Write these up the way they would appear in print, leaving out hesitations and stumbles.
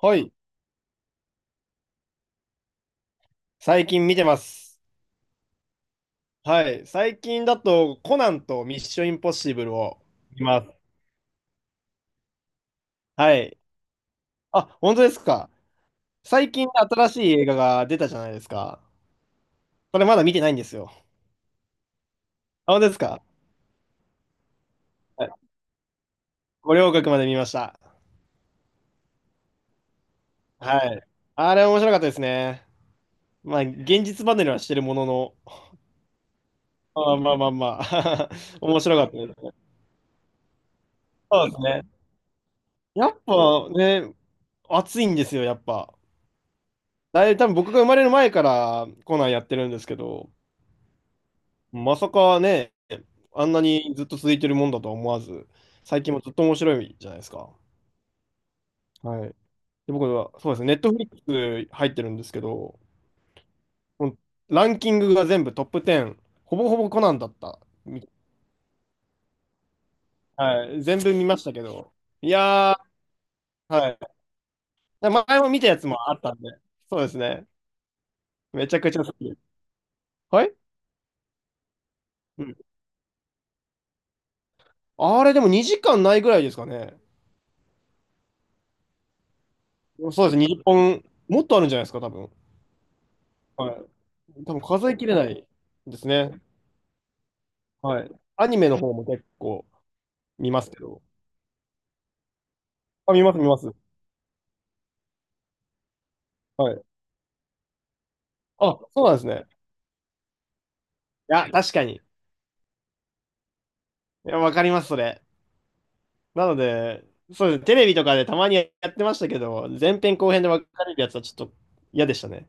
はい。最近見てます。はい。最近だと、コナンとミッションインポッシブルを見ます。はい。あ、本当ですか。最近新しい映画が出たじゃないですか。これまだ見てないんですよ。あ、本当ですか。はい。五稜郭まで見ました。はい。あれ面白かったですね。まあ、現実離れはしてるものの、まあまあまあまあ、面白かったです。そうですね。やっぱね、熱いんですよ、やっぱ。だいぶ多分僕が生まれる前からコナンやってるんですけど、まさかね、あんなにずっと続いてるもんだとは思わず、最近もずっと面白いじゃないですか。はい。で、僕は、そうですね、ネットフリックス入ってるんですけど、もうランキングが全部トップ10、ほぼほぼコナンだった。みはい。全部見ましたけど。いやー、はい。で前も見たやつもあったんで、そうですね。めちゃくちゃ好きです。はい。うん。あれ、でも2時間ないぐらいですかね。そうですね、20本、もっとあるんじゃないですか、多分。はい。多分数えきれないですね。はい。アニメの方も結構見ますけど。あ、見ます、見ます。はい。あ、そうなんですね。いや、確かに。いや、わかります、それ。なので、そうです。テレビとかでたまにやってましたけど、前編後編で分かれるやつはちょっと嫌でしたね。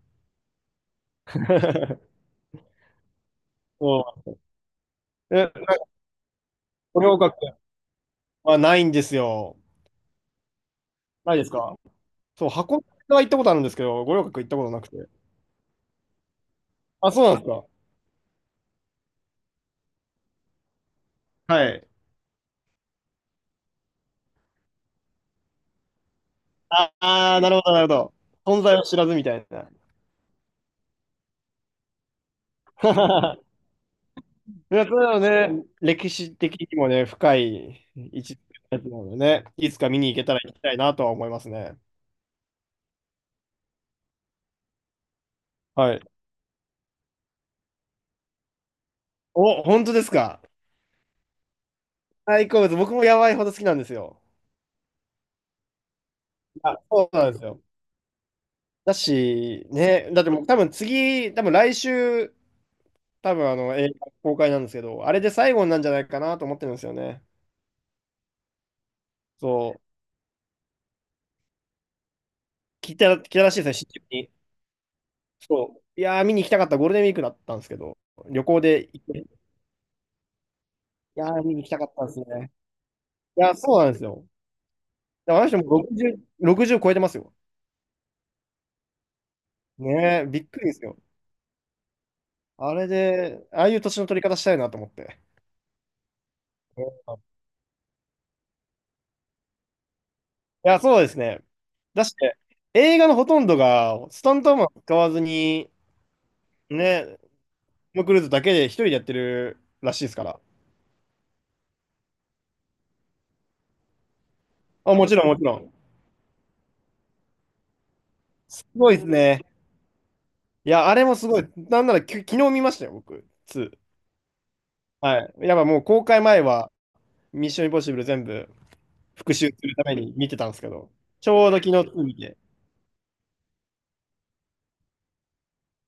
そう。え、なんか、五稜郭はないんですよ。ないですか？そう、箱根は行ったことあるんですけど、五稜郭行ったことなくて。あ、そうなんですか？はい。ああー、なるほど、なるほど。存在を知らずみたいな。いや、そうだよね。歴史的にもね、深い位置なのでね、いつか見に行けたら行きたいなとは思いますね。はい。お、本当ですか。大好物、僕もやばいほど好きなんですよ。あ、そうなんですよ。だし、ね、だってもう多分次、多分来週、多分あの映画公開なんですけど、あれで最後になんじゃないかなと思ってるんですよね。そう、聞いたらしいですね、新宿に。そう。いやー、見に行きたかった、ゴールデンウィークだったんですけど、旅行で行って、いやー、見に行きたかったんですね。いやー、そうなんですよ。あの人も60、60超えてますよ。ねえ、びっくりですよ。あれで、ああいう年の取り方したいなと思って。うん。いや、そうですね。だして、映画のほとんどが、スタントマン使わずに、ね、トム・クルーズだけで一人でやってるらしいですから。あ、もちろん、もちろん。すごいですね。いや、あれもすごい。なんなら、昨日見ましたよ、僕、2。はい。やっぱもう公開前は、ミッション・インポッシブル全部復習するために見てたんですけど、ちょうど昨日2見て。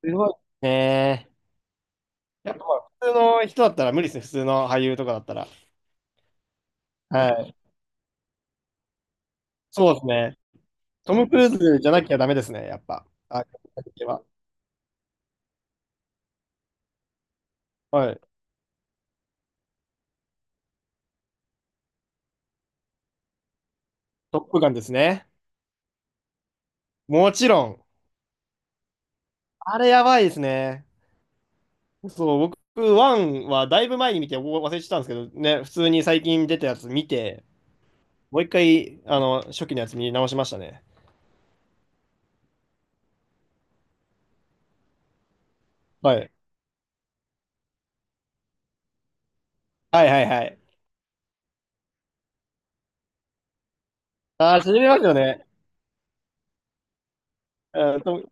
すごいね。やっぱ普通の人だったら無理ですね、普通の俳優とかだったら。はい。そうですね。トム・クルーズじゃなきゃダメですね、やっぱ。あ、は。はい。トップガンですね。もちろん。あれやばいですね。そう、僕、ワンはだいぶ前に見てお忘れてたんですけど、ね、普通に最近出たやつ見て、もう一回、あの、初期のやつ見直しましたね。はい。はいはいはい。あー、しびれますよね。うん、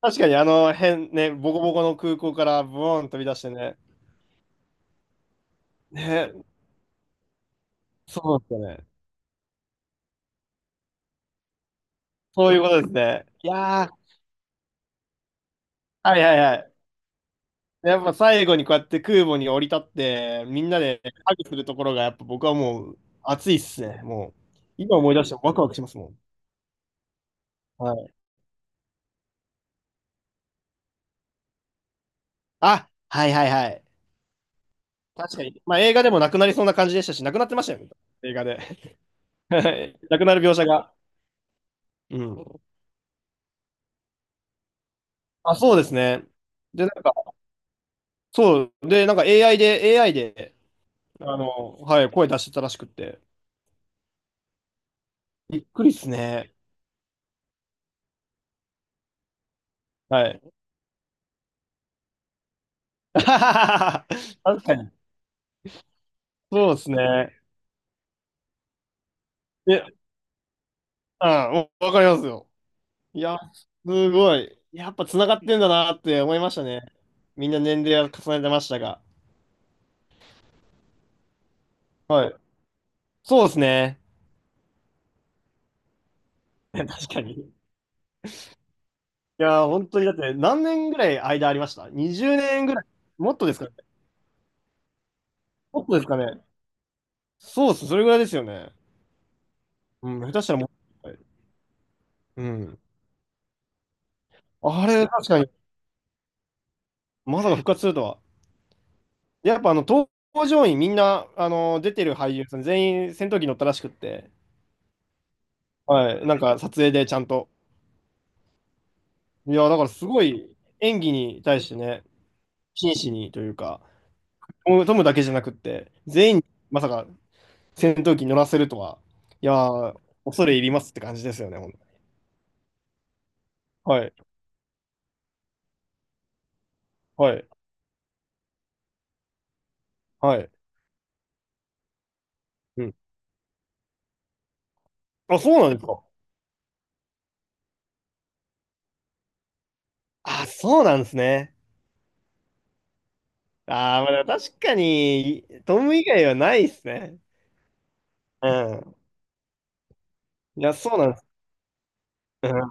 確かにあの辺ね、ボコボコの空港からブーン飛び出してね。ね、そうなんですよね。そういうことですね。いやー、はいはいはい。やっぱ最後にこうやって空母に降り立って、みんなでハグするところが、やっぱ僕はもう熱いっすね。もう、今思い出してもワクワクしますもん。はい。あ、はいはいはい。確かに。まあ映画でもなくなりそうな感じでしたし、なくなってましたよね。映画で。なくなる描写が。うん。あ、そうですね。で、なんか、そう。で、なんか AI で、あの、はい、声出してたらしくって。びっくりっすね。はい。確かそうですね。え、あ、わわかりますよ。いや、すごい。やっぱ繋がってんだなって思いましたね。みんな年齢は重ねてましたが。はい。そうですね。確かに。いや、本当にだって何年ぐらい間ありました ?20 年ぐらい。もっとですかね。もっとですかね。そうです。それぐらいですよね。うん、下手したらもっと。はい。うん。あれ、確かに、まさか復活するとは。やっぱあの、搭乗員みんな、あの、出てる俳優さん全員戦闘機乗ったらしくって。はい、なんか撮影でちゃんと。いや、だからすごい演技に対してね、真摯にというか、トムだけじゃなくって、全員にまさか戦闘機乗らせるとは、いやー、恐れ入りますって感じですよね、ほんと。はい、はい、はい。うん。あ、そうなんですか。あ、そうなんですね。あー、まあ、確かに、トム以外はないですね。うん。いや、そうなんです。うん。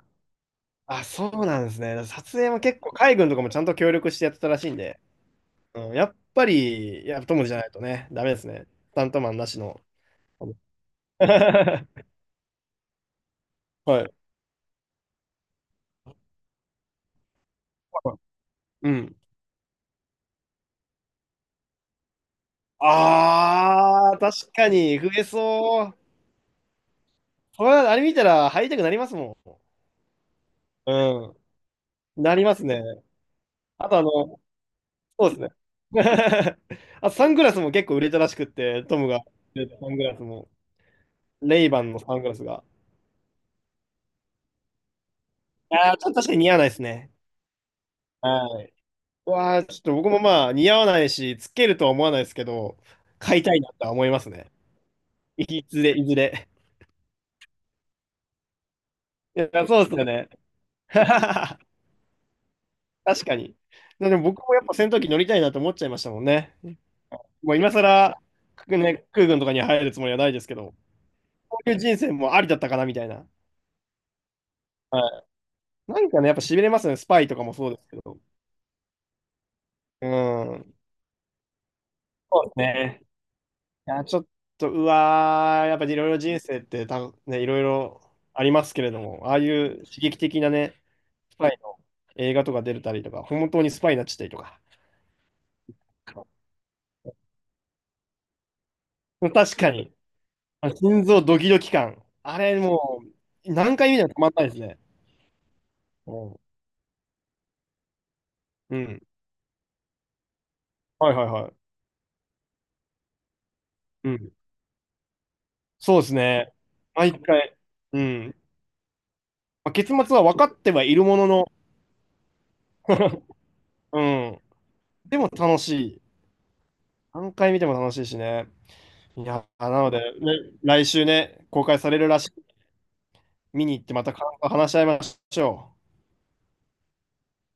あ、そうなんですね。撮影も結構、海軍とかもちゃんと協力してやってたらしいんで。うん、やっぱり、やっぱ友達じゃないとね、ダメですね。スタントマンなしの。はい。うん。ああ、確かに、増えそう。これはあれ見たら入りたくなりますもん。うん。なりますね。あとあの、そうですね。あ、サングラスも結構売れたらしくって、トムが、サングラスも、レイバンのサングラスが。ああ、ちょっと確かに似合わないですね。はい。わあ、ちょっと僕もまあ似合わないし、つけるとは思わないですけど、買いたいなとは思いますね。いずれ、いずれ。いや、そうですよね。確かに。でも僕もやっぱ戦闘機乗りたいなと思っちゃいましたもんね。もう今更、ね、空軍とかに入るつもりはないですけど、こういう人生もありだったかなみたいな。はい。なんかね、やっぱ痺れますね。スパイとかもそうですけど。うん。そうですね。いや、ちょっと、うわー、やっぱりいろいろ人生ってた、ね、いろいろありますけれども、ああいう刺激的なね、スパイの映画とか出れたりとか、本当にスパイになっちゃったりとか。確かに、あ、心臓ドキドキ感。あれ、もう、何回見てもたまんないですね。うん。うん。はいはいはい。うん。そうですね。毎回。うん。まあ、結末は分かってはいるものの、うん。でも楽しい。何回見ても楽しいしね。いや、なので、ね。来週ね、公開されるらしい。見に行ってまた感想話し合いましょう。